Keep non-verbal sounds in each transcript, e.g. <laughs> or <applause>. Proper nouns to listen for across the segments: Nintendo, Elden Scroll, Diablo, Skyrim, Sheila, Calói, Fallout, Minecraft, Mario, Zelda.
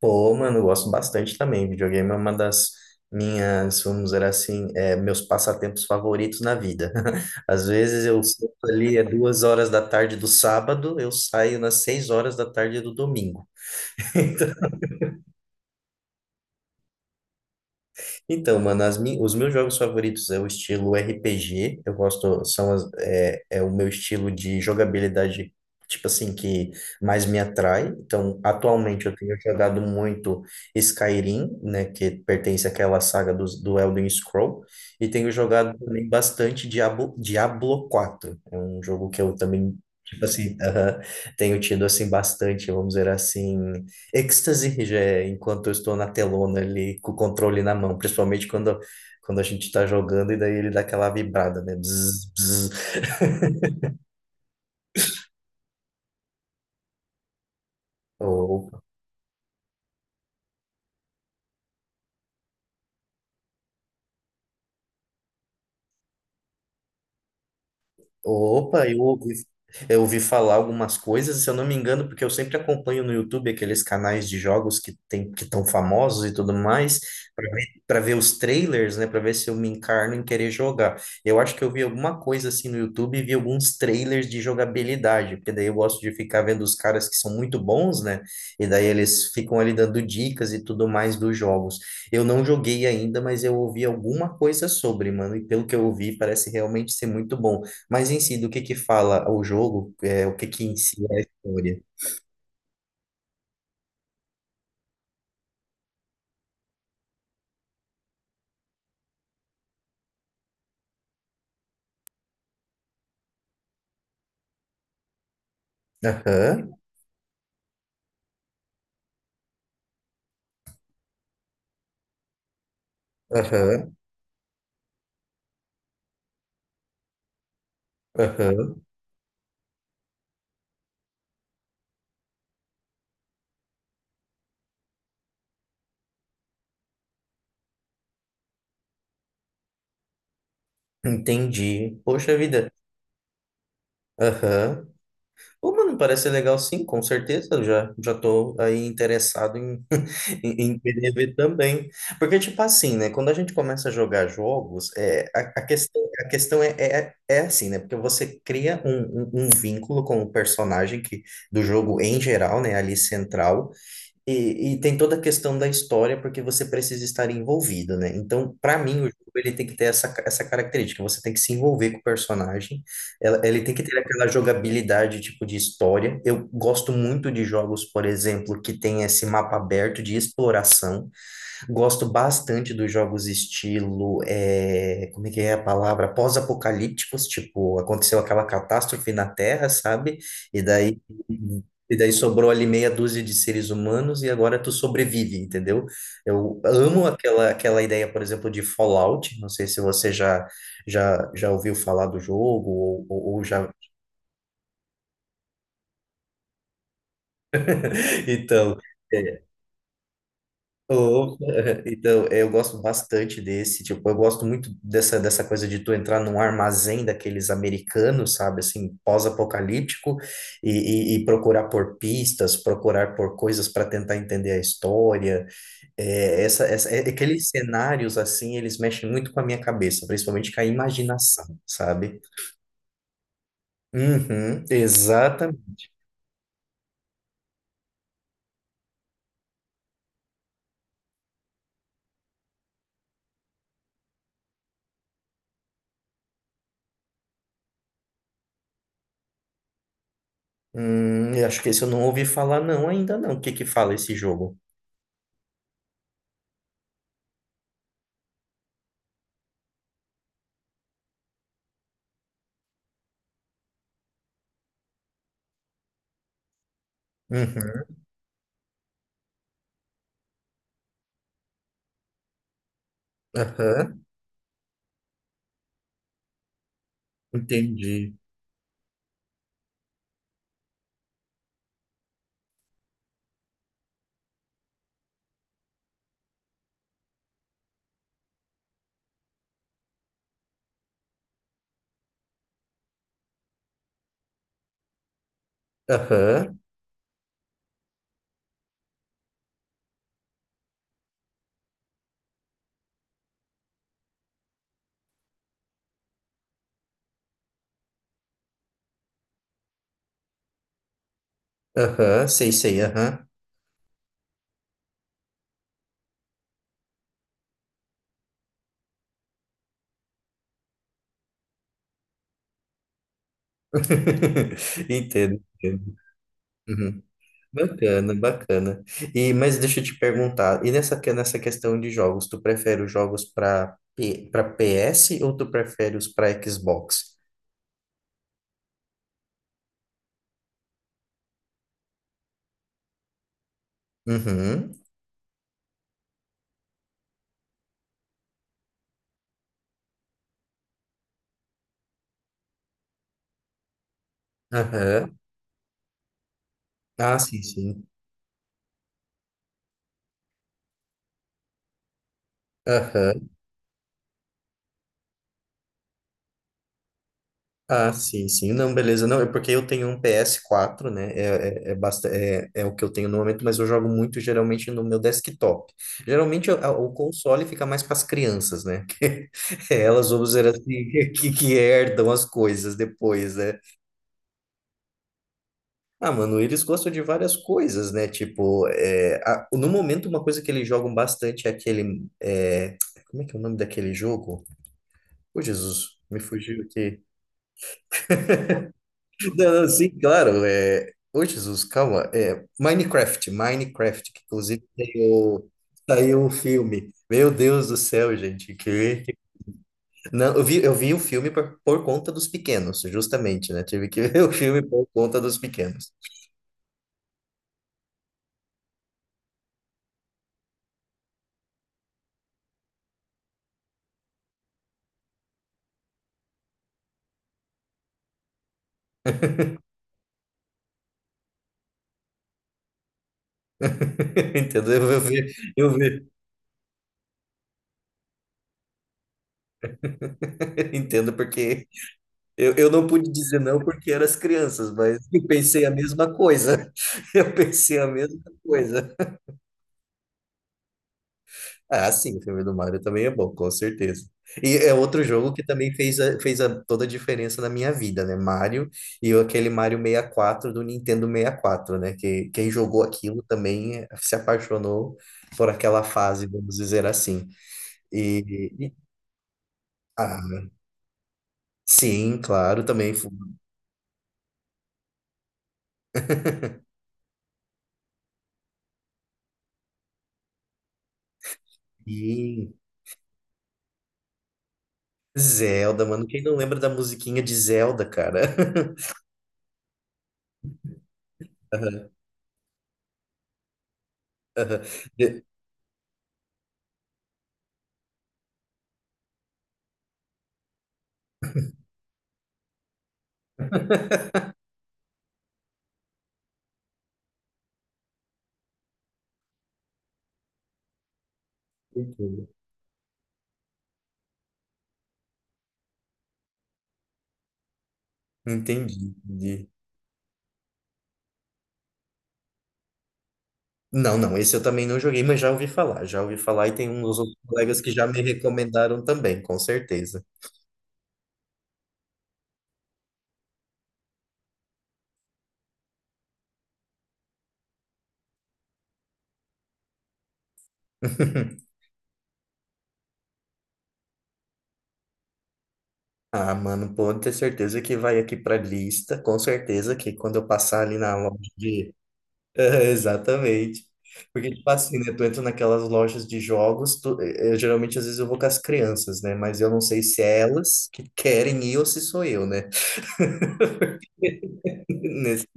Pô, mano, eu gosto bastante também. Videogame é uma das minhas, vamos dizer assim, meus passatempos favoritos na vida. <laughs> Às vezes eu sento ali às 2 horas da tarde do sábado, eu saio nas 6 horas da tarde do domingo. <laughs> Então, mano, os meus jogos favoritos é o estilo RPG. Eu gosto, é o meu estilo de jogabilidade, tipo assim, que mais me atrai. Então, atualmente eu tenho jogado muito Skyrim, né, que pertence àquela saga do Elden Scroll, e tenho jogado também bastante Diablo, Diablo 4. É um jogo que eu também, tipo assim, <laughs> aham, tenho tido assim bastante, vamos dizer assim, êxtase já, enquanto eu estou na telona ali com o controle na mão, principalmente quando a gente está jogando e daí ele dá aquela vibrada, né? Bzz, bzz. <laughs> O, Opa, eu ouvi falar algumas coisas, se eu não me engano, porque eu sempre acompanho no YouTube aqueles canais de jogos que tem, que estão famosos e tudo mais, para ver os trailers, né, para ver se eu me encarno em querer jogar. Eu acho que eu vi alguma coisa assim no YouTube e vi alguns trailers de jogabilidade, porque daí eu gosto de ficar vendo os caras que são muito bons, né, e daí eles ficam ali dando dicas e tudo mais dos jogos. Eu não joguei ainda, mas eu ouvi alguma coisa sobre, mano, e pelo que eu ouvi, parece realmente ser muito bom. Mas em si, do que fala o jogo? O que que em si é a história? Aham, aham, aham. Entendi. Poxa vida. Aham. Pô, mano, parece ser legal sim, com certeza. Eu já tô aí interessado em, <laughs> em querer ver também. Porque, tipo assim, né? Quando a gente começa a jogar jogos, a questão é assim, né? Porque você cria um vínculo com o personagem que, do jogo em geral, né? Ali central. E tem toda a questão da história, porque você precisa estar envolvido, né? Então, para mim, o jogo ele tem que ter essa característica. Você tem que se envolver com o personagem, ele tem que ter aquela jogabilidade, tipo, de história. Eu gosto muito de jogos, por exemplo, que tem esse mapa aberto de exploração. Gosto bastante dos jogos estilo, é, como é que é a palavra? Pós-apocalípticos, tipo, aconteceu aquela catástrofe na Terra, sabe? E daí, e daí sobrou ali meia dúzia de seres humanos e agora tu sobrevive, entendeu? Eu amo aquela ideia, por exemplo, de Fallout. Não sei se você já ouviu falar do jogo ou já. <laughs> Então. é, Opa, <laughs> Então, é, eu gosto bastante desse, tipo, eu gosto muito dessa coisa de tu entrar num armazém daqueles americanos, sabe, assim, pós-apocalíptico, e procurar por pistas, procurar por coisas para tentar entender a história. Aqueles cenários, assim, eles mexem muito com a minha cabeça, principalmente com a imaginação, sabe? Uhum, exatamente. Eu acho que esse eu não ouvi falar não ainda não, o que que fala esse jogo? Uhum. Aham, entendi. Aham, aham, sei, sei, aham. <laughs> Entendo, entendo. Uhum. Bacana, bacana. E, mas deixa eu te perguntar, e nessa, nessa questão de jogos, tu prefere os jogos para PS ou tu prefere os para Xbox? Uhum, aham. Ah, sim, sim. Aham. Ah, sim, sim. Não, beleza. Não, é porque eu tenho um PS4, né? É o que eu tenho no momento, mas eu jogo muito geralmente no meu desktop. Geralmente o console fica mais para as crianças, né? <laughs> É elas, vamos dizer assim, <laughs> que herdam as coisas depois, né? Ah, mano, eles gostam de várias coisas, né? Tipo, no momento, uma coisa que eles jogam bastante é aquele. É, como é que é o nome daquele jogo? Ô, Jesus, me fugiu aqui. Não, não, sim, claro. É... Ô, Jesus, calma. É... Minecraft, Minecraft, que inclusive saiu o filme. Meu Deus do céu, gente. Que... Não, eu vi o filme por conta dos pequenos, justamente, né? Tive que <laughs> ver o filme por conta dos pequenos. <laughs> Entendo. Eu vi. <laughs> Entendo porque eu não pude dizer não porque eram as crianças, mas eu pensei a mesma coisa. <laughs> Eu pensei a mesma coisa. Ah, sim, o filme do Mario também é bom, com certeza. E é outro jogo que também fez toda a diferença na minha vida, né? Mario e aquele Mario 64 do Nintendo 64, né? Que quem jogou aquilo também se apaixonou por aquela fase, vamos dizer assim. E, e- ah, sim, claro, também. E Zelda, mano, quem não lembra da musiquinha de Zelda, cara? <laughs> Aham, aham. De- Entendi. Entendi. Não, não, esse eu também não joguei, mas já ouvi falar e tem uns outros colegas que já me recomendaram também, com certeza. <laughs> Ah, mano, pode ter certeza que vai aqui pra lista, com certeza que quando eu passar ali na loja de... <laughs> Exatamente. Porque, tipo assim, né, tu entra naquelas lojas de jogos, geralmente às vezes eu vou com as crianças, né, mas eu não sei se é elas que querem ir ou se sou eu, né. <laughs>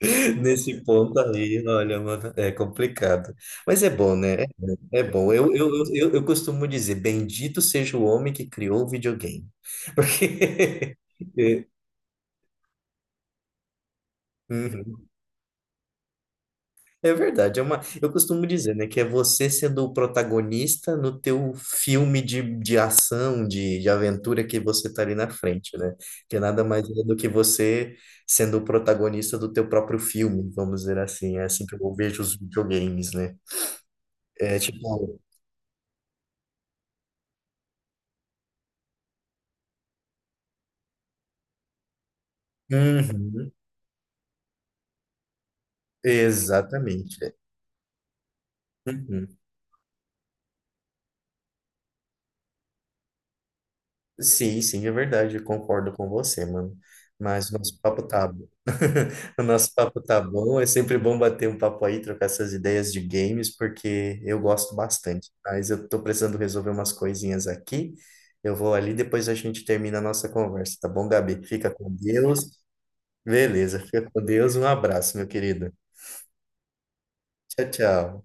<laughs> Nesse ponto aí, olha, mano, é complicado. Mas é bom, né? É, é bom. Eu costumo dizer, bendito seja o homem que criou o videogame. <laughs> Porque é, Uhum. é verdade, é uma, eu costumo dizer, né, que é você sendo o protagonista no teu filme de ação, de aventura que você tá ali na frente, né? Que nada mais é do que você sendo o protagonista do teu próprio filme, vamos dizer assim. É assim que eu vejo os videogames, né? É tipo, Uhum, exatamente. Uhum. Sim, sim, é verdade, eu concordo com você, mano. Mas o nosso papo tá bom. <laughs> O nosso papo tá bom, é sempre bom bater um papo aí, trocar essas ideias de games, porque eu gosto bastante. Mas eu tô precisando resolver umas coisinhas aqui. Eu vou ali, depois a gente termina a nossa conversa, tá bom, Gabi? Fica com Deus. Beleza, fica com Deus. Um abraço, meu querido. Tchau, tchau.